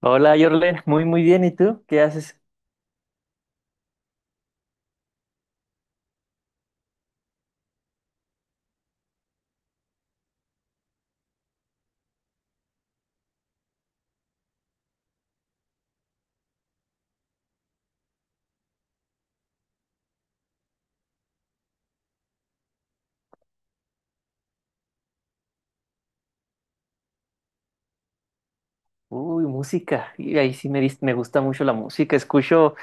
Hola, Yorlen, muy muy bien, ¿y tú? ¿Qué haces? Uy, música, y ahí sí me gusta mucho la música, escucho,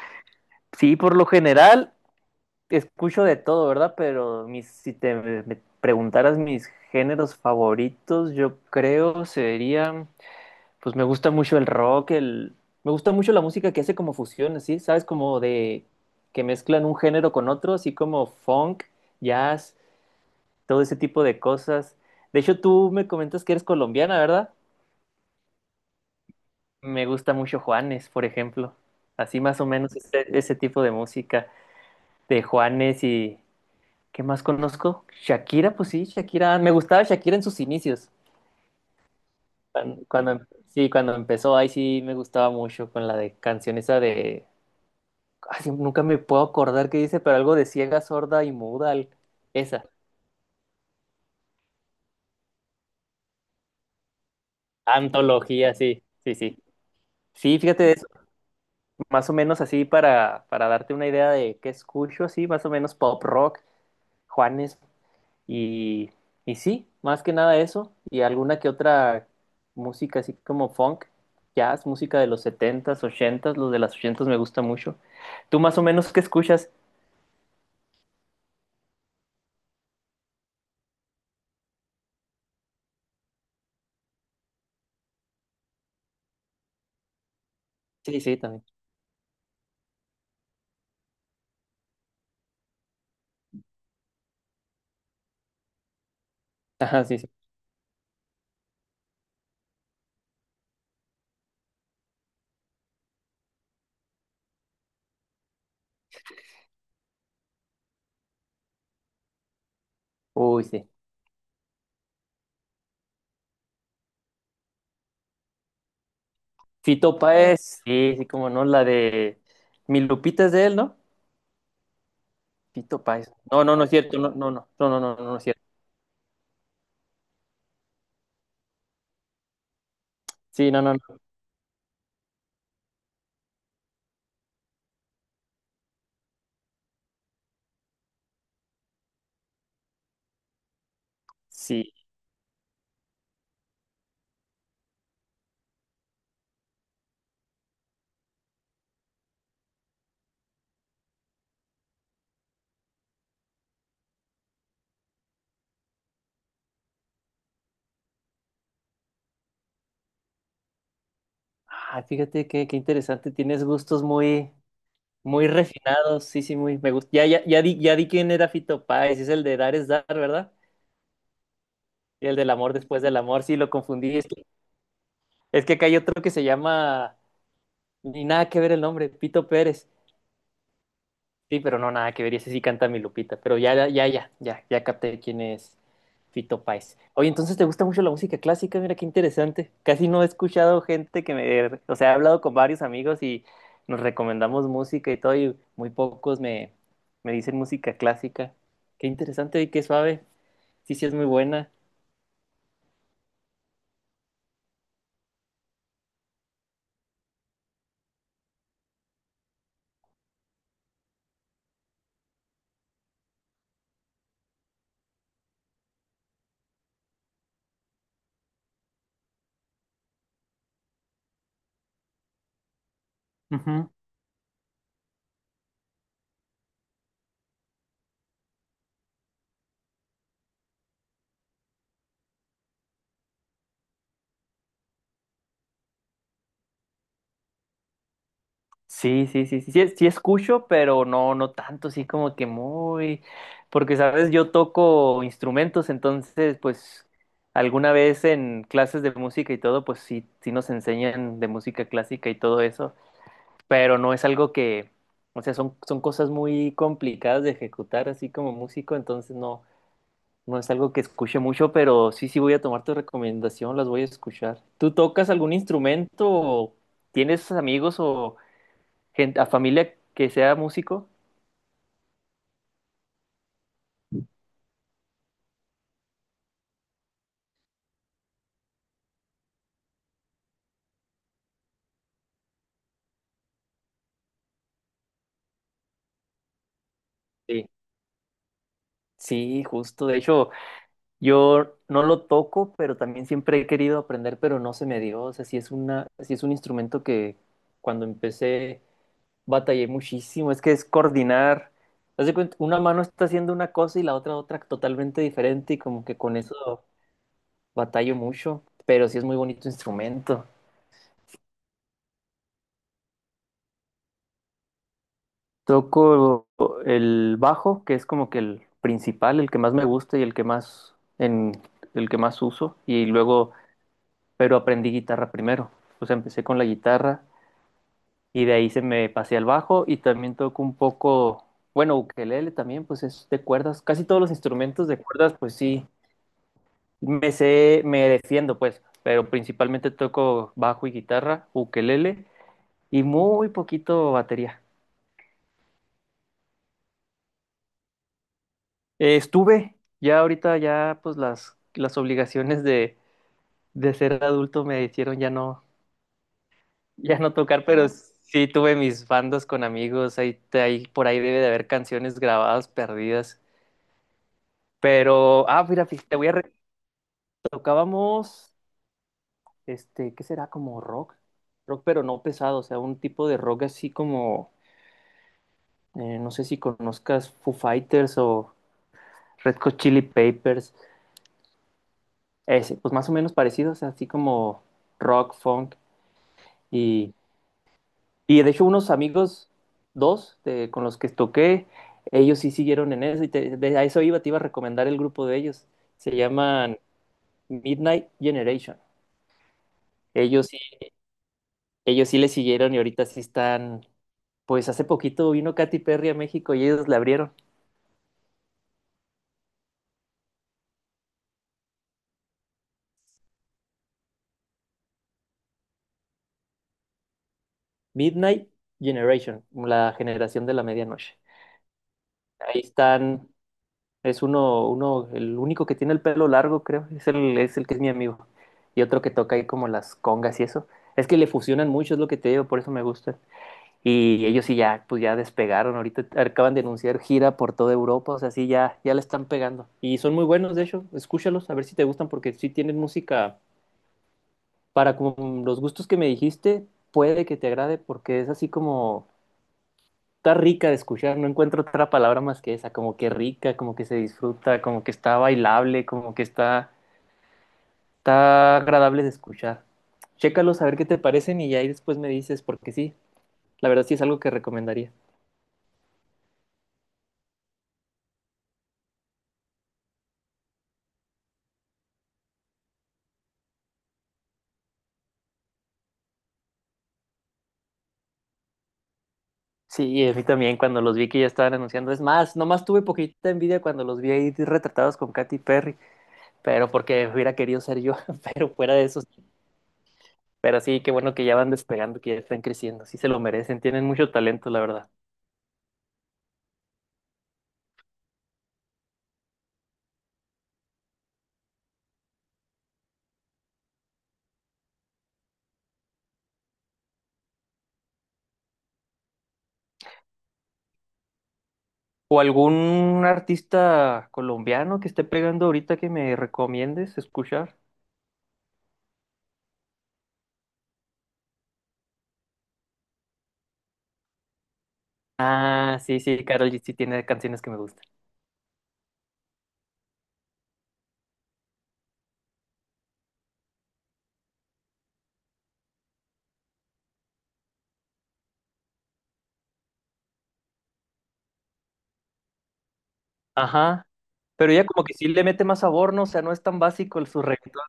sí, por lo general, escucho de todo, ¿verdad? Pero si te me preguntaras mis géneros favoritos, yo creo serían, pues me gusta mucho el rock, me gusta mucho la música que hace como fusiones, ¿sí? ¿Sabes? Como de, que mezclan un género con otro, así como funk, jazz, todo ese tipo de cosas. De hecho, tú me comentas que eres colombiana, ¿verdad? Me gusta mucho Juanes, por ejemplo. Así más o menos ese tipo de música de Juanes. ¿Y qué más conozco? Shakira, pues sí, Shakira. Me gustaba Shakira en sus inicios. Sí, cuando empezó, ahí sí me gustaba mucho con la de canción esa de ay, sí, nunca me puedo acordar qué dice, pero algo de ciega, sorda y muda. Esa. Antología, sí, sí, sí. Sí, fíjate, es más o menos así para darte una idea de qué escucho, sí, más o menos pop rock. Juanes. Y, y sí, más que nada eso, y alguna que otra música así como funk, jazz, música de los setentas ochentas, los de las ochentas me gusta mucho. ¿Tú más o menos qué escuchas? Sí, sí, también. Ajá, sí, sí. Uy, sí. Fito Páez, sí, sí, como no, la de Mi Lupita es de él, ¿no? Fito Páez. No, no, no es cierto, no, no, no, no, no, no, no, no es cierto. Sí, no, no, no. Sí. Ah, fíjate qué interesante, tienes gustos muy... Muy refinado, sí, sí, muy, me gusta. Ya, ya, ya di quién era Fito Páez, es el de dar es dar, ¿verdad? Y el del amor después del amor, sí, lo confundí. es que acá hay otro que se llama, ni nada que ver el nombre, Pito Pérez. Sí, pero no, nada que ver, y ese sí canta mi Lupita, pero ya, ya, ya, ya, ya capté quién es Fito Páez. Oye, entonces te gusta mucho la música clásica, mira qué interesante. Casi no he escuchado gente o sea, he hablado con varios amigos y nos recomendamos música y todo, y muy pocos me dicen música clásica. Qué interesante y qué suave, sí, sí es muy buena. Ujú. Sí, sí, sí, sí, sí, sí escucho, pero no, no tanto, sí como que muy, porque sabes, yo toco instrumentos, entonces, pues, alguna vez en clases de música y todo, pues sí, sí nos enseñan de música clásica y todo eso, pero no es algo que, o sea, son cosas muy complicadas de ejecutar así como músico, entonces no, no es algo que escuche mucho, pero sí, sí voy a tomar tu recomendación, las voy a escuchar. ¿Tú tocas algún instrumento o tienes amigos o gente, a familia que sea músico? Sí. Sí, justo. De hecho, yo no lo toco, pero también siempre he querido aprender, pero no se me dio. O sea, sí es un instrumento que cuando empecé batallé muchísimo. Es que es coordinar. Haz de cuenta, una mano está haciendo una cosa y la otra totalmente diferente, y como que con eso batallo mucho, pero sí es muy bonito instrumento. Toco el bajo, que es como que el principal, el que más me gusta y en el que más uso, y luego, pero aprendí guitarra primero. O sea, empecé con la guitarra y de ahí se me pasé al bajo, y también toco un poco, bueno, ukelele también, pues es de cuerdas, casi todos los instrumentos de cuerdas, pues sí me sé, me defiendo pues, pero principalmente toco bajo y guitarra, ukelele y muy poquito batería. Estuve, ya ahorita ya pues las obligaciones de ser adulto me hicieron ya no tocar, pero no, sí tuve mis bandos con amigos, ahí, ahí por ahí debe de haber canciones grabadas perdidas. Pero, ah, mira, te voy a re- tocábamos, ¿qué será? Como rock, pero no pesado, o sea, un tipo de rock así como, no sé si conozcas Foo Fighters o Red Hot Chili Peppers, ese, pues más o menos parecidos, así como rock, funk. Y, y de hecho unos amigos, dos, con los que toqué, ellos sí siguieron en eso y a eso iba, te iba a recomendar el grupo de ellos. Se llaman Midnight Generation. Ellos sí, ellos sí le siguieron y ahorita sí están, pues hace poquito vino Katy Perry a México y ellos le abrieron. Midnight Generation, la generación de la medianoche. Ahí están. Es el único que tiene el pelo largo, creo, es el que es mi amigo. Y otro que toca ahí como las congas y eso. Es que le fusionan mucho, es lo que te digo, por eso me gusta. Y ellos sí ya, pues ya despegaron, ahorita acaban de anunciar gira por toda Europa, o sea, sí ya, ya le están pegando. Y son muy buenos, de hecho, escúchalos, a ver si te gustan, porque sí tienen música para como los gustos que me dijiste, puede que te agrade, porque es así como está rica de escuchar, no encuentro otra palabra más que esa, como que rica, como que se disfruta, como que está bailable, como que está, está agradable de escuchar. Chécalos a ver qué te parecen y ya ahí después me dices, porque sí, la verdad sí es algo que recomendaría. Sí, a mí también cuando los vi que ya estaban anunciando. Es más, nomás tuve poquita envidia cuando los vi ahí retratados con Katy Perry, pero porque hubiera querido ser yo, pero fuera de eso. Pero sí, qué bueno que ya van despegando, que ya están creciendo, sí se lo merecen, tienen mucho talento, la verdad. ¿O algún artista colombiano que esté pegando ahorita que me recomiendes escuchar? Ah, sí, sí, Karol G sí tiene canciones que me gustan. Ajá. Pero ella como que sí le mete más sabor, ¿no? O sea, no es tan básico el su reggaetón.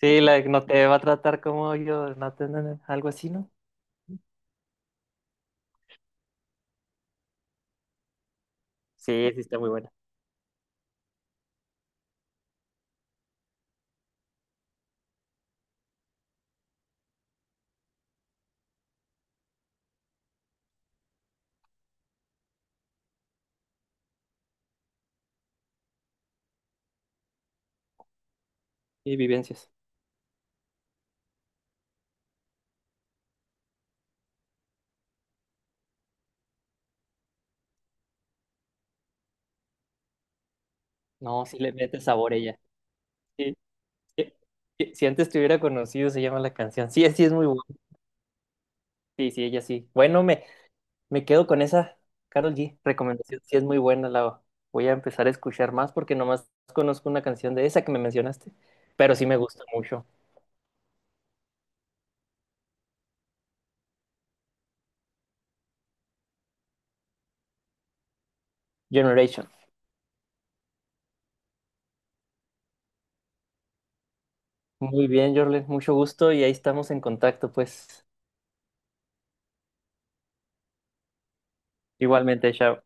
Sí, la de no te va a tratar como yo, no, no, algo así, ¿no? Sí, sí está muy buena. Y vivencias. No, sí le mete sabor ella. Sí, sí, sí, Si antes te hubiera conocido, se llama la canción. Sí, sí es muy buena. Sí, sí, ella sí. Bueno, me quedo con esa, Carol G, recomendación, sí es muy buena, la voy a empezar a escuchar más porque nomás conozco una canción de esa que me mencionaste, pero sí me gusta mucho, Generation. Muy bien, Jorlen, mucho gusto y ahí estamos en contacto, pues igualmente, chao.